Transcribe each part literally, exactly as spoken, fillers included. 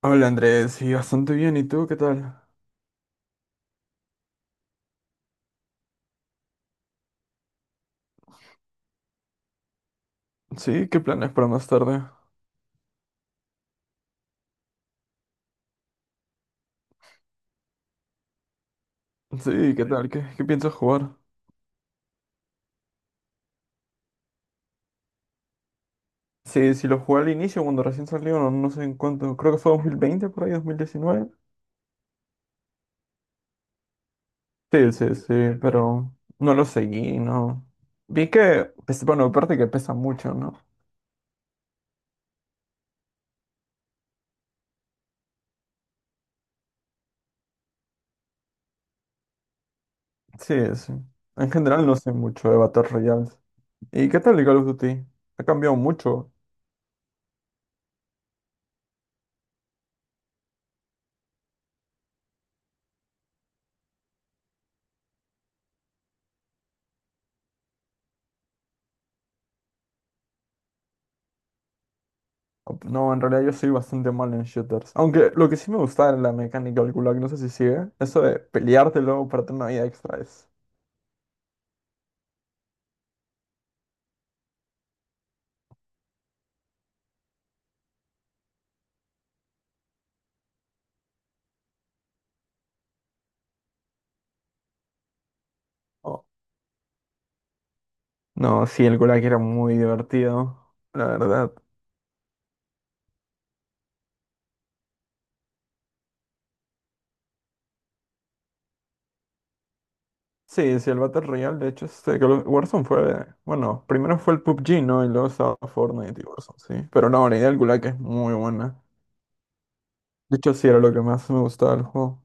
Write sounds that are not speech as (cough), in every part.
Hola Andrés, sí, bastante bien. ¿Y tú qué tal? Sí, ¿qué planes para más tarde? Sí, ¿qué Eh, tal? ¿Qué, qué piensas jugar? Sí, sí lo jugué al inicio cuando recién salió, no, no sé en cuánto. Creo que fue dos mil veinte por ahí, dos mil diecinueve. Sí, sí, sí, pero no lo seguí, no. Vi que, pues, bueno, aparte que pesa mucho, ¿no? Sí, sí. En general no sé mucho de Battle Royales. ¿Y qué tal el Call of Duty? Ha cambiado mucho. No, en realidad yo soy bastante mal en shooters. Aunque lo que sí me gusta de la mecánica del Gulag, no sé si sigue, eso de pelearte luego para tener una vida extra es. Oh. No, sí, el Gulag era muy divertido, la verdad. Sí, sí, el Battle Royale, de hecho, este, que lo- Warzone fue. Bueno, primero fue el P U B G, ¿no? Y luego estaba Fortnite y Warzone, sí. Pero no, la idea del Gulag es muy buena. De hecho, sí, era lo que más me gustaba del juego.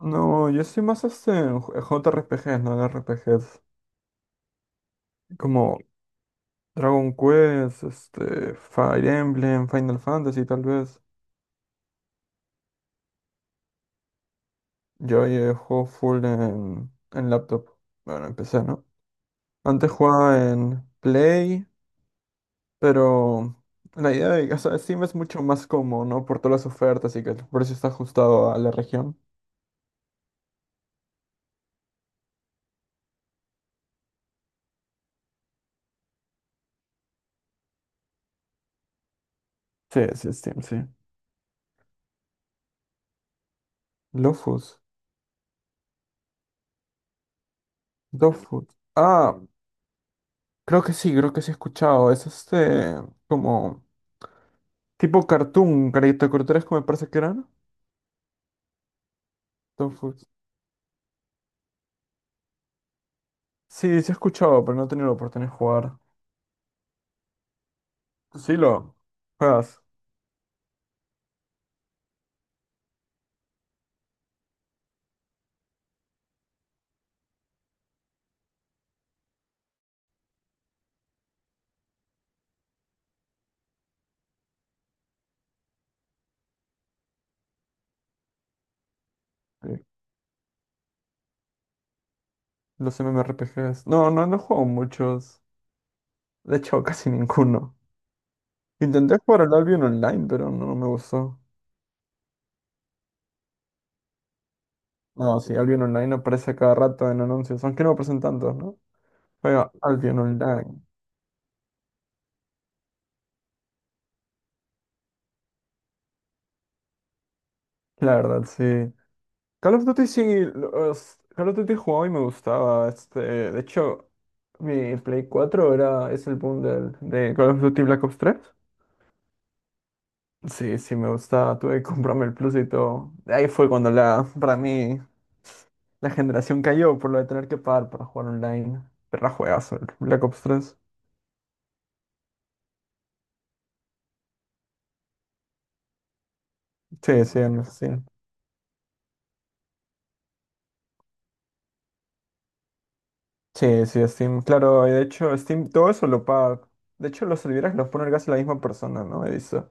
No, yo soy más este en ju- J R P Gs, no en R P Gs. Como Dragon Quest, este, Fire Emblem, Final Fantasy tal vez. Yo ahí eh, juego full en, en laptop. Bueno, empecé, ¿no? Antes jugaba en Play, pero la idea de, o sea, Steam es mucho más cómodo, ¿no? Por todas las ofertas y que el precio está ajustado a la región. Sí, sí, Steam, sí. Lofus, LoFuS. Ah, creo que sí, creo que sí he escuchado. Es este, como, tipo cartoon, caricaturas como me parece que eran. Dofus. Sí, sí he escuchado, pero no he tenido la oportunidad de jugar. ¿Tú sí lo juegas? eh, Los MMORPGs. No, no, no he jugado muchos. De hecho, (laughs) casi ninguno. Intenté jugar al Albion Online, pero no no me gustó. No, sí, Albion Online aparece cada rato en anuncios, aunque no aparecen tantos, ¿no? Juega Albion Online. La verdad, sí. Call of Duty sí, los- Call of Duty jugaba y me gustaba. Este, de hecho, mi Play cuatro era, es el bundle de Call of Duty Black Ops tres. Sí, sí, me gustaba. Tuve que comprarme el Plus y todo. Ahí fue cuando la, para mí, la generación cayó por lo de tener que pagar para jugar online. Pero la juegazo, el Black Ops tres. Sí, sí, en Steam. Sí, sí, Steam. Claro, y de hecho, Steam, todo eso lo paga. De hecho, los servidores los pone casi la misma persona, ¿no? He visto.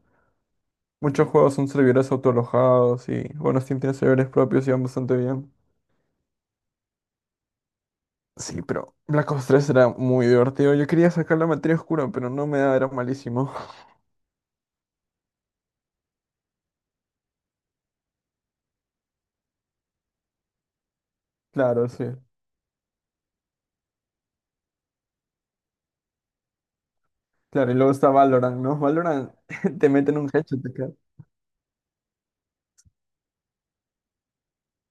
Muchos juegos son servidores autoalojados y, bueno, Steam tiene servidores propios y van bastante bien. Sí, pero Black Ops tres era muy divertido. Yo quería sacar la materia oscura, pero no me da, era malísimo. (laughs) Claro, sí. Claro, y luego está Valorant, ¿no? Valorant (laughs) te meten un headshot acá.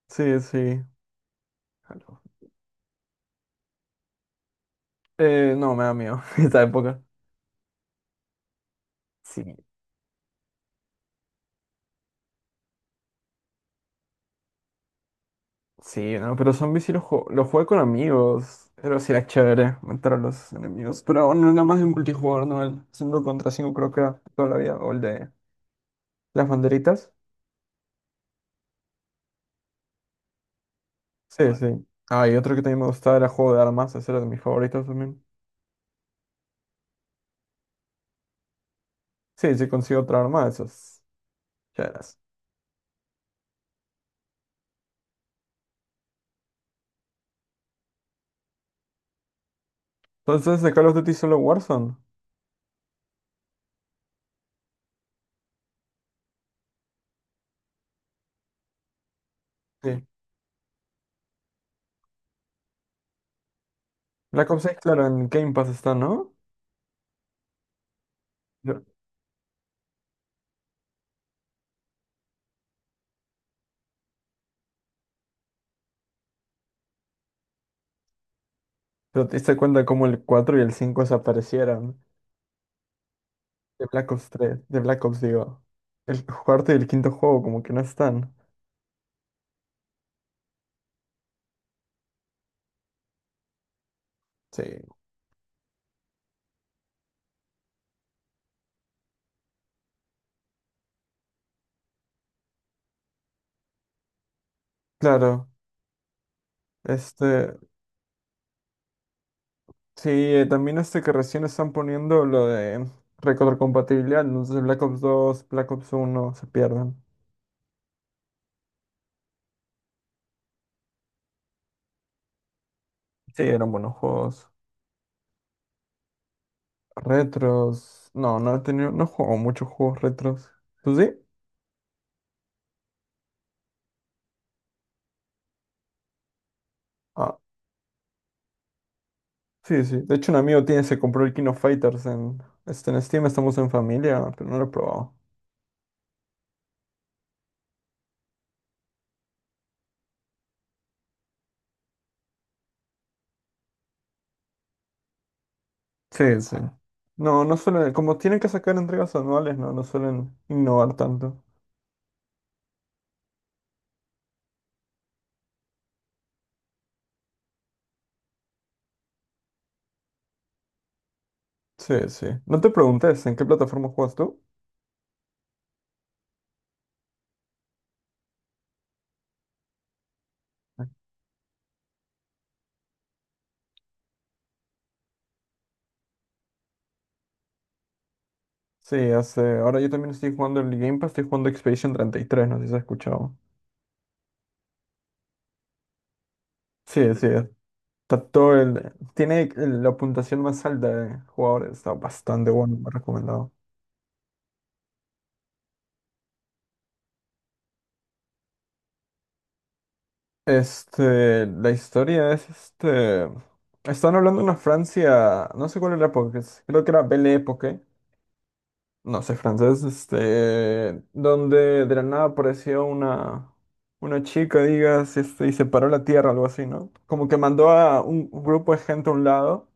Sí, sí. Aló. Eh, no, me da miedo (laughs) esa época. Sí, sí, no, pero zombies sí los juego, los jugué con amigos. Pero sí era chévere matar a los enemigos. Pero aún no era más de multijugador, ¿no? El cinco contra cinco creo que era toda la vida. O el de las banderitas. Sí, sí. Ah, y otro que también me gustaba era juego de armas. Ese era de mis favoritos también. Sí, sí consigo otra arma, esos. Chéveres. Entonces, ¿de Call of Duty solo Warzone? Sí. Black Ops seis, claro, en Game Pass está, ¿no? Pero pero te diste cuenta cómo el cuatro y el cinco desaparecieron de Black Ops tres, de Black Ops, digo. El cuarto y el quinto juego como que no están. Sí. Claro, este, sí, eh, también este que recién están poniendo lo de retrocompatibilidad, ¿no? Entonces Black Ops dos, Black Ops uno se pierden. Sí, eran buenos juegos. Retros, no, no he tenido, no juego muchos juegos retros. ¿Tú sí? Sí, sí. De hecho, un amigo tiene, se compró el King of Fighters en, este, en Steam, estamos en familia, pero no lo he probado. Sí, sí. No, no suelen, como tienen que sacar entregas anuales, no, no suelen innovar tanto. Sí, sí. No te preguntes, ¿en qué plataforma juegas tú? Sí, hace, ahora yo también estoy jugando el Game Pass, estoy jugando Expedition treinta y tres, no sé si has escuchado. Sí, sí, está todo el, tiene el- la puntuación más alta de jugadores, está bastante bueno, me ha recomendado. Este, la historia es este. Están hablando de una Francia, no sé cuál era la época, es- creo que era Belle Époque, no sé francés, este, donde de la nada apareció una, una chica, digas, este, y separó la tierra, algo así, ¿no? Como que mandó a un un grupo de gente a un lado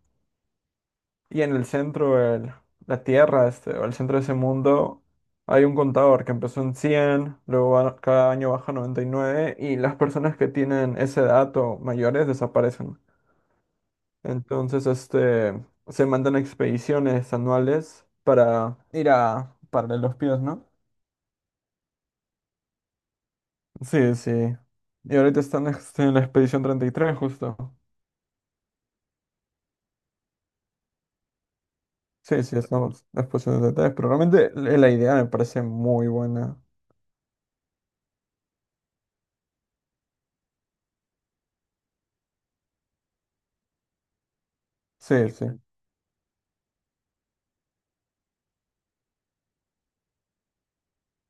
y en el centro, el- la Tierra, este, o el centro de ese mundo, hay un contador que empezó en cien luego va- cada año baja a noventa y nueve y nueve y las personas que tienen esa edad o mayores desaparecen. Entonces, este, se mandan expediciones anuales para ir a pararle los pies, ¿no? Sí, sí. Y ahorita están este, en la expedición treinta y tres justo. Sí, sí, estamos en la expedición treinta y tres, pero realmente la la idea me parece muy buena. Sí, sí.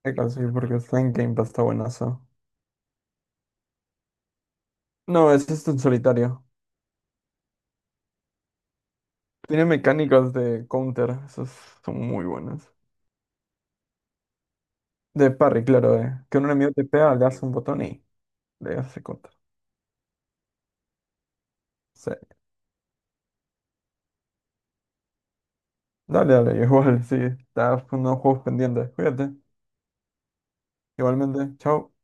Sí, claro, sí, porque está en Game Pass, está buenazo. No, es este en solitario. Tiene mecánicas de counter, esas son muy buenas. De parry, claro, de que un enemigo te pega, le hace un botón y le hace counter. Sí. Dale, dale, (laughs) igual, sí. Estás con unos juegos pendientes. Cuídate. Igualmente, chao.